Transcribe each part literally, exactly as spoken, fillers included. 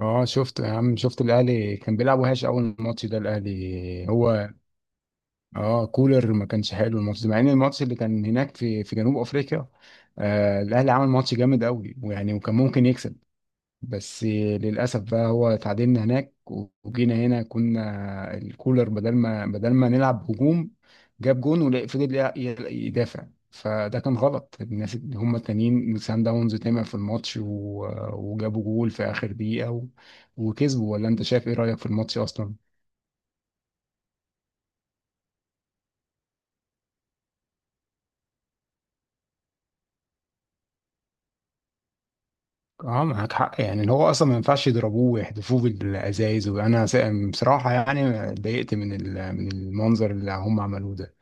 اه شفت يا عم شفت الاهلي كان بيلعب وحش. اول ماتش ده الاهلي هو اه كولر ما كانش حلو الماتش ده، مع ان الماتش اللي كان هناك في في جنوب افريقيا آه الاهلي عمل ماتش جامد قوي، ويعني وكان ممكن يكسب بس للأسف بقى هو تعادلنا هناك. وجينا هنا كنا الكولر بدل ما بدل ما نلعب هجوم جاب جون وفضل يدافع، فده كان غلط. الناس اللي هم التانيين سان داونز تمع في الماتش و- وجابوا جول في آخر دقيقة و- وكسبوا، ولا أنت شايف إيه رأيك في الماتش أصلا؟ اه معاك حق، يعني اللي هو اصلا ما ينفعش يضربوه ويحدفوه بالازايز، وانا س- بصراحه يعني اتضايقت من ال- من المنظر اللي هم عملوه ده.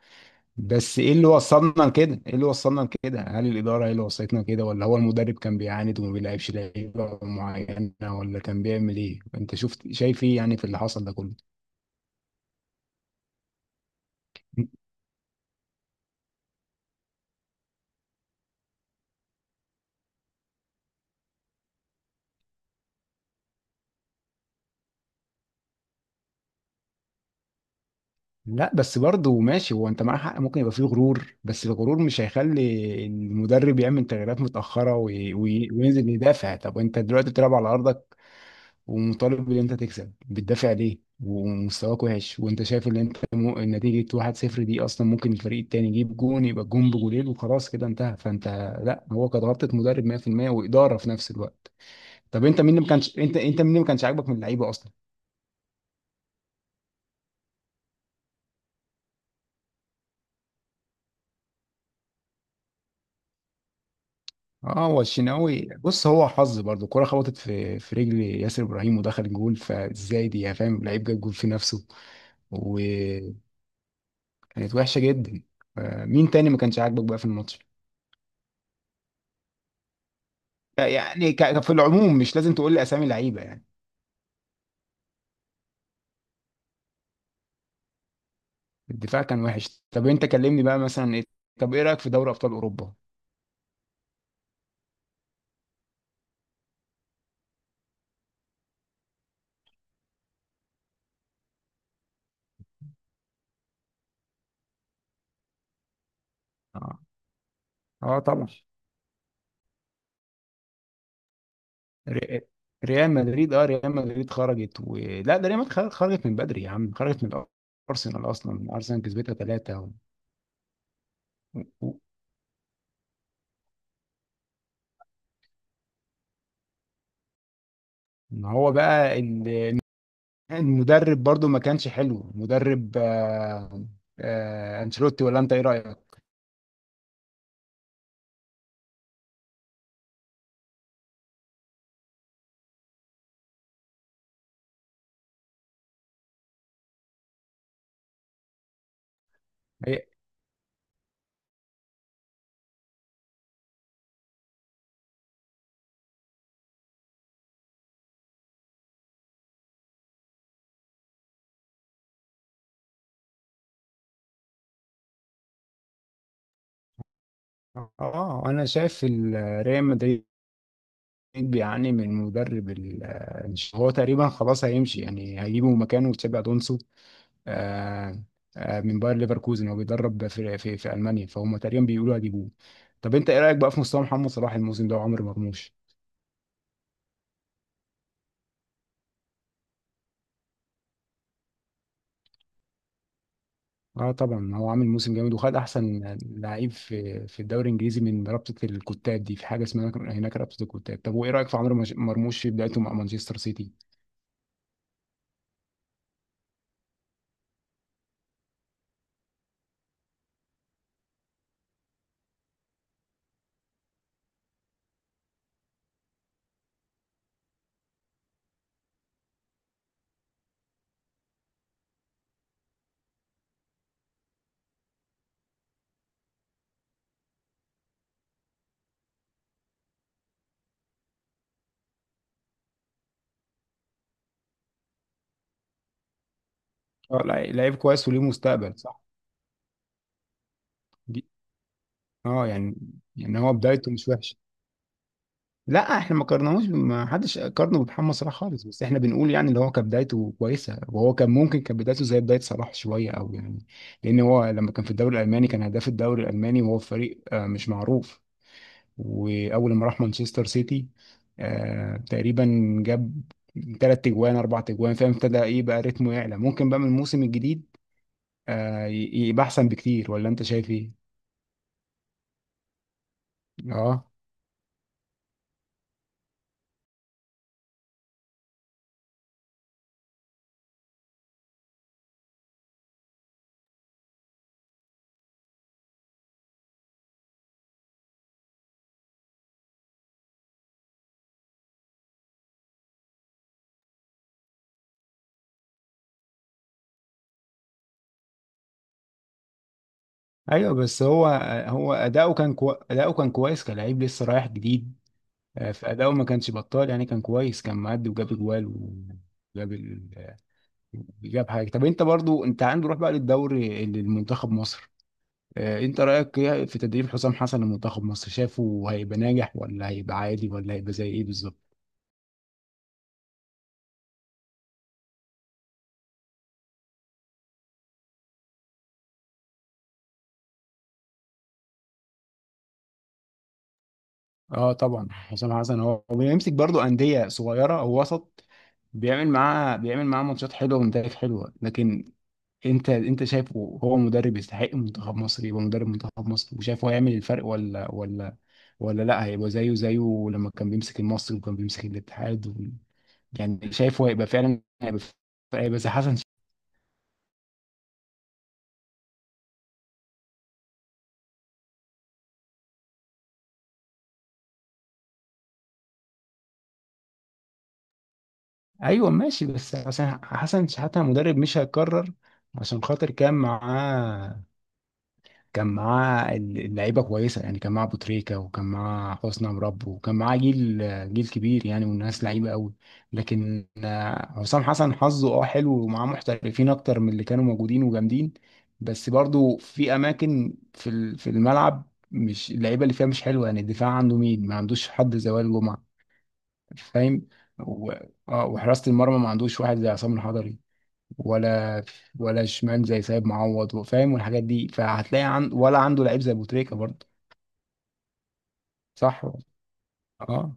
بس ايه اللي وصلنا لكده؟ ايه اللي وصلنا لكده؟ هل الاداره هي اللي وصلتنا كده، ولا هو المدرب كان بيعاند وما بيلعبش لعيبه معينه، ولا كان بيعمل ايه؟ انت شفت شايف ايه يعني في اللي حصل ده كله؟ لا بس برضه ماشي، هو انت معاك حق ممكن يبقى فيه غرور، بس الغرور مش هيخلي المدرب يعمل تغييرات متاخره وي- وي- وينزل يدافع. طب انت دلوقتي بتلعب على ارضك ومطالب ان انت تكسب، بتدافع ليه ومستواك وحش، وانت شايف ان انت م- نتيجة واحد صفر دي اصلا ممكن الفريق التاني يجيب جون يبقى الجون بجولين وخلاص كده انتهى، فانت لا، هو كانت غلطة مدرب مية في المية وإدارة في نفس الوقت. طب انت مين اللي ما كانش انت انت مين اللي ما كانش عاجبك من اللعيبة اصلا؟ اه، هو الشناوي بص هو حظ برضه، الكرة خبطت في في رجل ياسر ابراهيم ودخل جول، فازاي دي يا فاهم، لعيب جاب جول في نفسه. وكانت وحشة جدا. آه، مين تاني ما كانش عاجبك بقى في الماتش؟ يعني ك- في العموم مش لازم تقول لي اسامي لعيبه يعني. الدفاع كان وحش، طب انت كلمني بقى مثلا ايه. طب ايه رايك في دوري ابطال اوروبا؟ اه، اه طبعا. ري- ريال مدريد اه ريال مدريد خرجت، ولا ده ريال مدريد خر- خرجت من بدري يا عم، خرجت من ارسنال. اصلا ارسنال كسبتها ثلاثه و... و... و- ان هو بقى ال- المدرب برضو ما كانش حلو مدرب آه... آه... انشيلوتي، ولا انت ايه رايك؟ هي- اه انا شايف ال- ريال مدريد بيعاني من مدرب ال- آه، هو تقريبا خلاص هيمشي، يعني هيجيبه مكانه تشابي الونسو، آه، آه، من باير ليفركوزن، هو بيدرب في في, في المانيا، فهم تقريبا بيقولوا هيجيبوه. طب انت ايه رايك بقى في مستوى محمد صلاح الموسم ده وعمر مرموش؟ اه طبعا هو عامل موسم جامد، وخد احسن لعيب في في الدوري الانجليزي من رابطه الكتاب دي، في حاجه اسمها هناك رابطه الكتاب. طب وايه رايك في عمر مش- مرموش في بدايته مع مانشستر سيتي؟ اه لعيب، لعيب كويس وليه مستقبل صح دي. اه يعني، يعني هو بدايته مش وحشه، لا احنا ما قارناهوش، ما حدش قارنه بمحمد صلاح خالص، بس احنا بنقول يعني اللي هو كان بدايته كويسه، وهو كان ممكن كان بدايته زي بدايه صلاح شويه او يعني لان هو لما كان في الدوري الالماني كان هداف الدوري الالماني، وهو في فريق آه، مش معروف. واول ما راح مانشستر سيتي آه، تقريبا جاب ثلاث تجوان اربع تجوان فاهم، ابتدى ايه بقى رتمه يعلى ممكن بقى من الموسم الجديد آه، ي- يبقى احسن بكتير، ولا انت شايف ايه؟ اه ايوه، بس هو هو اداؤه كان كو... اداؤه كان كويس كلاعب لسه رايح جديد آه، في أداؤه ما كانش بطال يعني، كان كويس، كان معدي وجاب أجوال وجاب ال... آه، جاب حاجة. طب أنت برضو أنت عنده روح بقى للدوري للمنتخب مصر آه، أنت رأيك إيه في تدريب حسام حسن لمنتخب مصر؟ شافه هيبقى ناجح ولا هيبقى عادي ولا هيبقى زي إيه بالظبط؟ أه طبعا حسام حسن هو هو بيمسك برضو أندية صغيرة أو وسط، بيعمل معاه بيعمل معاه ماتشات حلوة ونتائج حلوة، لكن انت انت شايفه هو مدرب يستحق منتخب مصر يبقى مدرب منتخب مصر، وشايفه هيعمل الفرق ولا ولا ولا لا، هيبقى زيه زيه لما كان بيمسك المصري وكان بيمسك الاتحاد و... يعني شايفه هيبقى فعلا هيبقى هيبقى زي حسن ش... ايوه ماشي، بس عشان حسن شحاتة مدرب مش هيتكرر. عشان خاطر كان معاه كان معاه اللعيبه كويسه، يعني كان معاه أبو تريكة وكان معاه حسني عمرو وكان معاه جيل، جيل كبير يعني، والناس لعيبه قوي. لكن آه، حسام حسن حظه اه حلو، ومعاه محترفين اكتر من اللي كانوا موجودين وجامدين. بس برضو في اماكن في ال- في الملعب مش اللعيبه اللي فيها مش حلوه، يعني الدفاع عنده مين، ما عندوش حد زي وائل جمعه فاهم، و- آه، وحراسه المرمى ما عندوش واحد زي عصام الحضري، ولا ولا شمال زي سيد معوض فاهم، والحاجات دي، فهتلاقي عند، ولا عنده لعيب زي بوتريكا برضه، صح. اه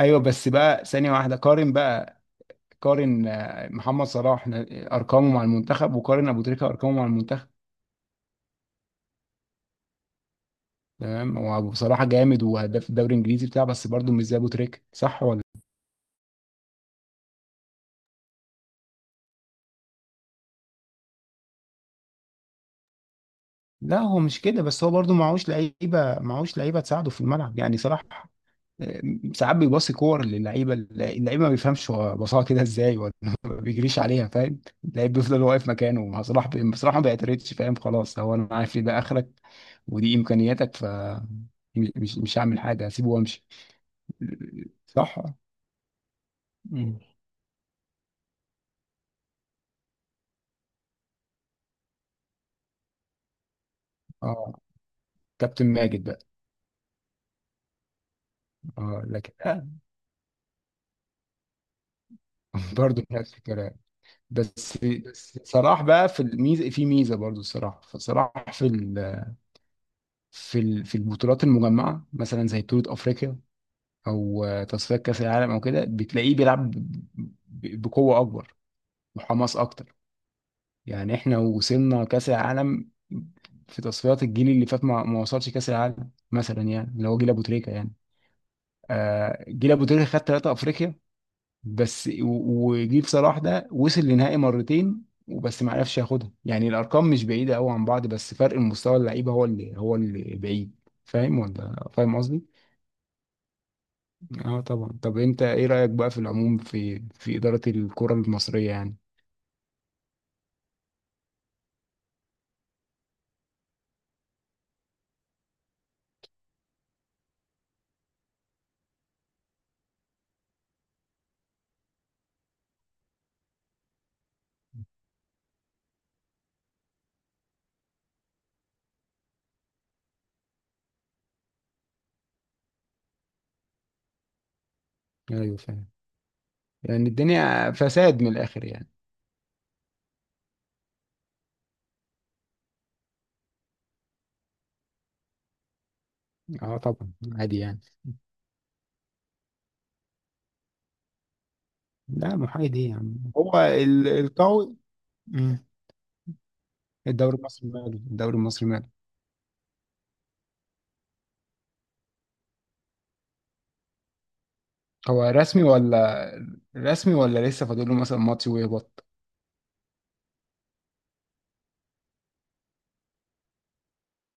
ايوه، بس بقى ثانية واحدة، قارن بقى قارن آه، محمد صلاح ن- ارقامه مع المنتخب، وقارن ابو تريكة ارقامه مع المنتخب. تمام، هو ابو صلاح جامد، وهداف الدوري الانجليزي بتاعه، بس برضه مش زي ابو تريكة صح ولا. لا هو مش كده، بس هو برضه معهوش لعيبة معهوش لعيبة تساعده في الملعب، يعني صلاح ساعات بيباصي كور للعيبه، اللعيبه ما بيفهمش هو باصاها كده ازاي ولا ما بيجريش عليها، فاهم، اللعيب بيفضل واقف مكانه، بصراحه بصراحه ما بيعترضش فاهم، خلاص هو انا عارف ان ده اخرك ودي امكانياتك، ف مش مش هعمل حاجه هسيبه وامشي. صح. مم. اه كابتن ماجد بقى. اه لكن آه. برضه نفس الكلام. بس بس صلاح بقى في الميزه، في ميزه برضه الصراحه، فصلاح في ال... في ال... في البطولات المجمعه مثلا زي بطوله افريقيا او آه، تصفيات كاس العالم او كده بتلاقيه بيلعب ب- ب- بقوه اكبر، وحماس اكتر، يعني احنا وصلنا كاس العالم. في تصفيات الجيل اللي فات ما, ما وصلش كاس العالم مثلا، يعني اللي هو جيل ابو تريكه يعني. آه جيل ابو تريكه خد ثلاثه افريقيا بس، و- وجيل صلاح ده وصل لنهائي مرتين وبس، ما عرفش ياخدها، يعني الارقام مش بعيده قوي عن بعض، بس فرق المستوى اللعيبه هو اللي هو اللي بعيد، فاهم ولا فاهم قصدي. اه طبعا. طب انت ايه رأيك بقى في العموم في في إدارة الكرة المصرية يعني؟ ايوه فاهم. يعني الدنيا فساد من الاخر يعني. اه طبعا عادي يعني. لا محايد ايه يعني، هو ال- القوي. مم. الدوري المصري ماله، الدوري المصري ماله. هو رسمي ولا، رسمي ولا لسه فاضل له مثلا ماتش ويهبط؟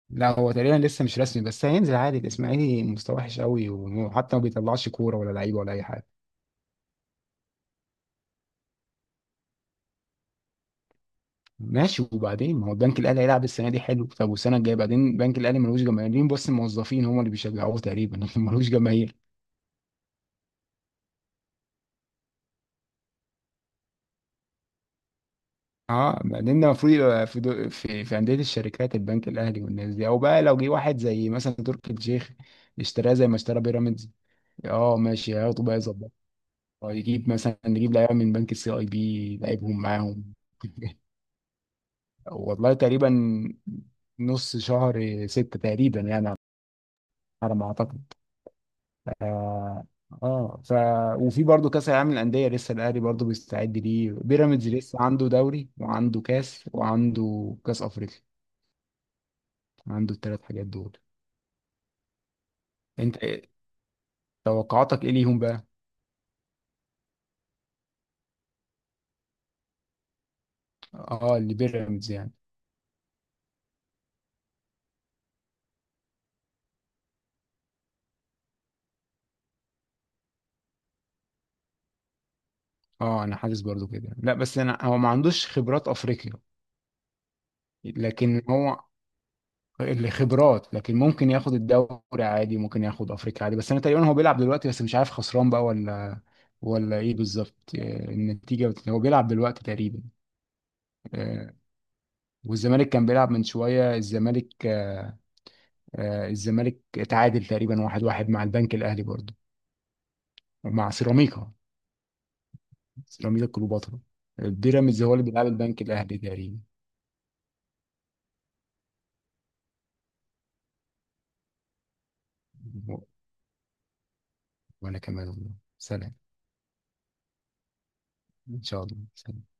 لا هو تقريبا لسه مش رسمي، بس هينزل عادي، الاسماعيلي مستوى وحش قوي، وحتى ما بيطلعش كورة ولا لعيبة ولا اي حاجة. ماشي، وبعدين ما هو البنك الاهلي هيلعب السنه دي حلو، طب والسنه الجايه بعدين؟ البنك الاهلي ملوش جماهيرين، بس الموظفين هم اللي بيشجعوه تقريبا لكن ملوش جماهير. اه بعدين ده المفروض يبقى في دو... في في انديه الشركات البنك الاهلي والناس دي، او بقى لو جه واحد زي مثلا تركي الشيخ اشتراه زي ما اشترى بيراميدز، اه ماشي هياخده بقى يظبط. أو يجيب مثلا نجيب لعيبه من بنك السي اي بي لعيبهم معاهم والله تقريبا نص شهر ستة تقريبا يعني، على ما اعتقد. اه آه. ف وفي برضه كاس العالم للانديه لسه الاهلي برضه بيستعد ليه، بيراميدز لسه عنده دوري وعنده كاس وعنده كاس افريقيا، عنده الثلاث حاجات دول. انت إيه توقعاتك ايه ليهم بقى؟ اه لبيراميدز يعني. اه انا حاسس برضه كده، لا بس انا هو ما عندوش خبرات افريقيا، لكن هو اللي خبرات، لكن ممكن ياخد الدوري عادي ممكن ياخد افريقيا عادي. بس انا تقريبا هو بيلعب دلوقتي بس مش عارف خسران بقى ولا ولا ايه بالظبط، آه، النتيجة بت- هو بيلعب دلوقتي تقريبا. آه، والزمالك كان بيلعب من شوية الزمالك آه، آه، الزمالك اتعادل تقريبا واحد واحد مع البنك الأهلي برضه، ومع سيراميكا، سيراميكا كليوباترا. بيراميدز هو اللي بيلعب البنك الأهلي تقريبا. و- وأنا كمان والله. سلام. إن شاء الله، سلام.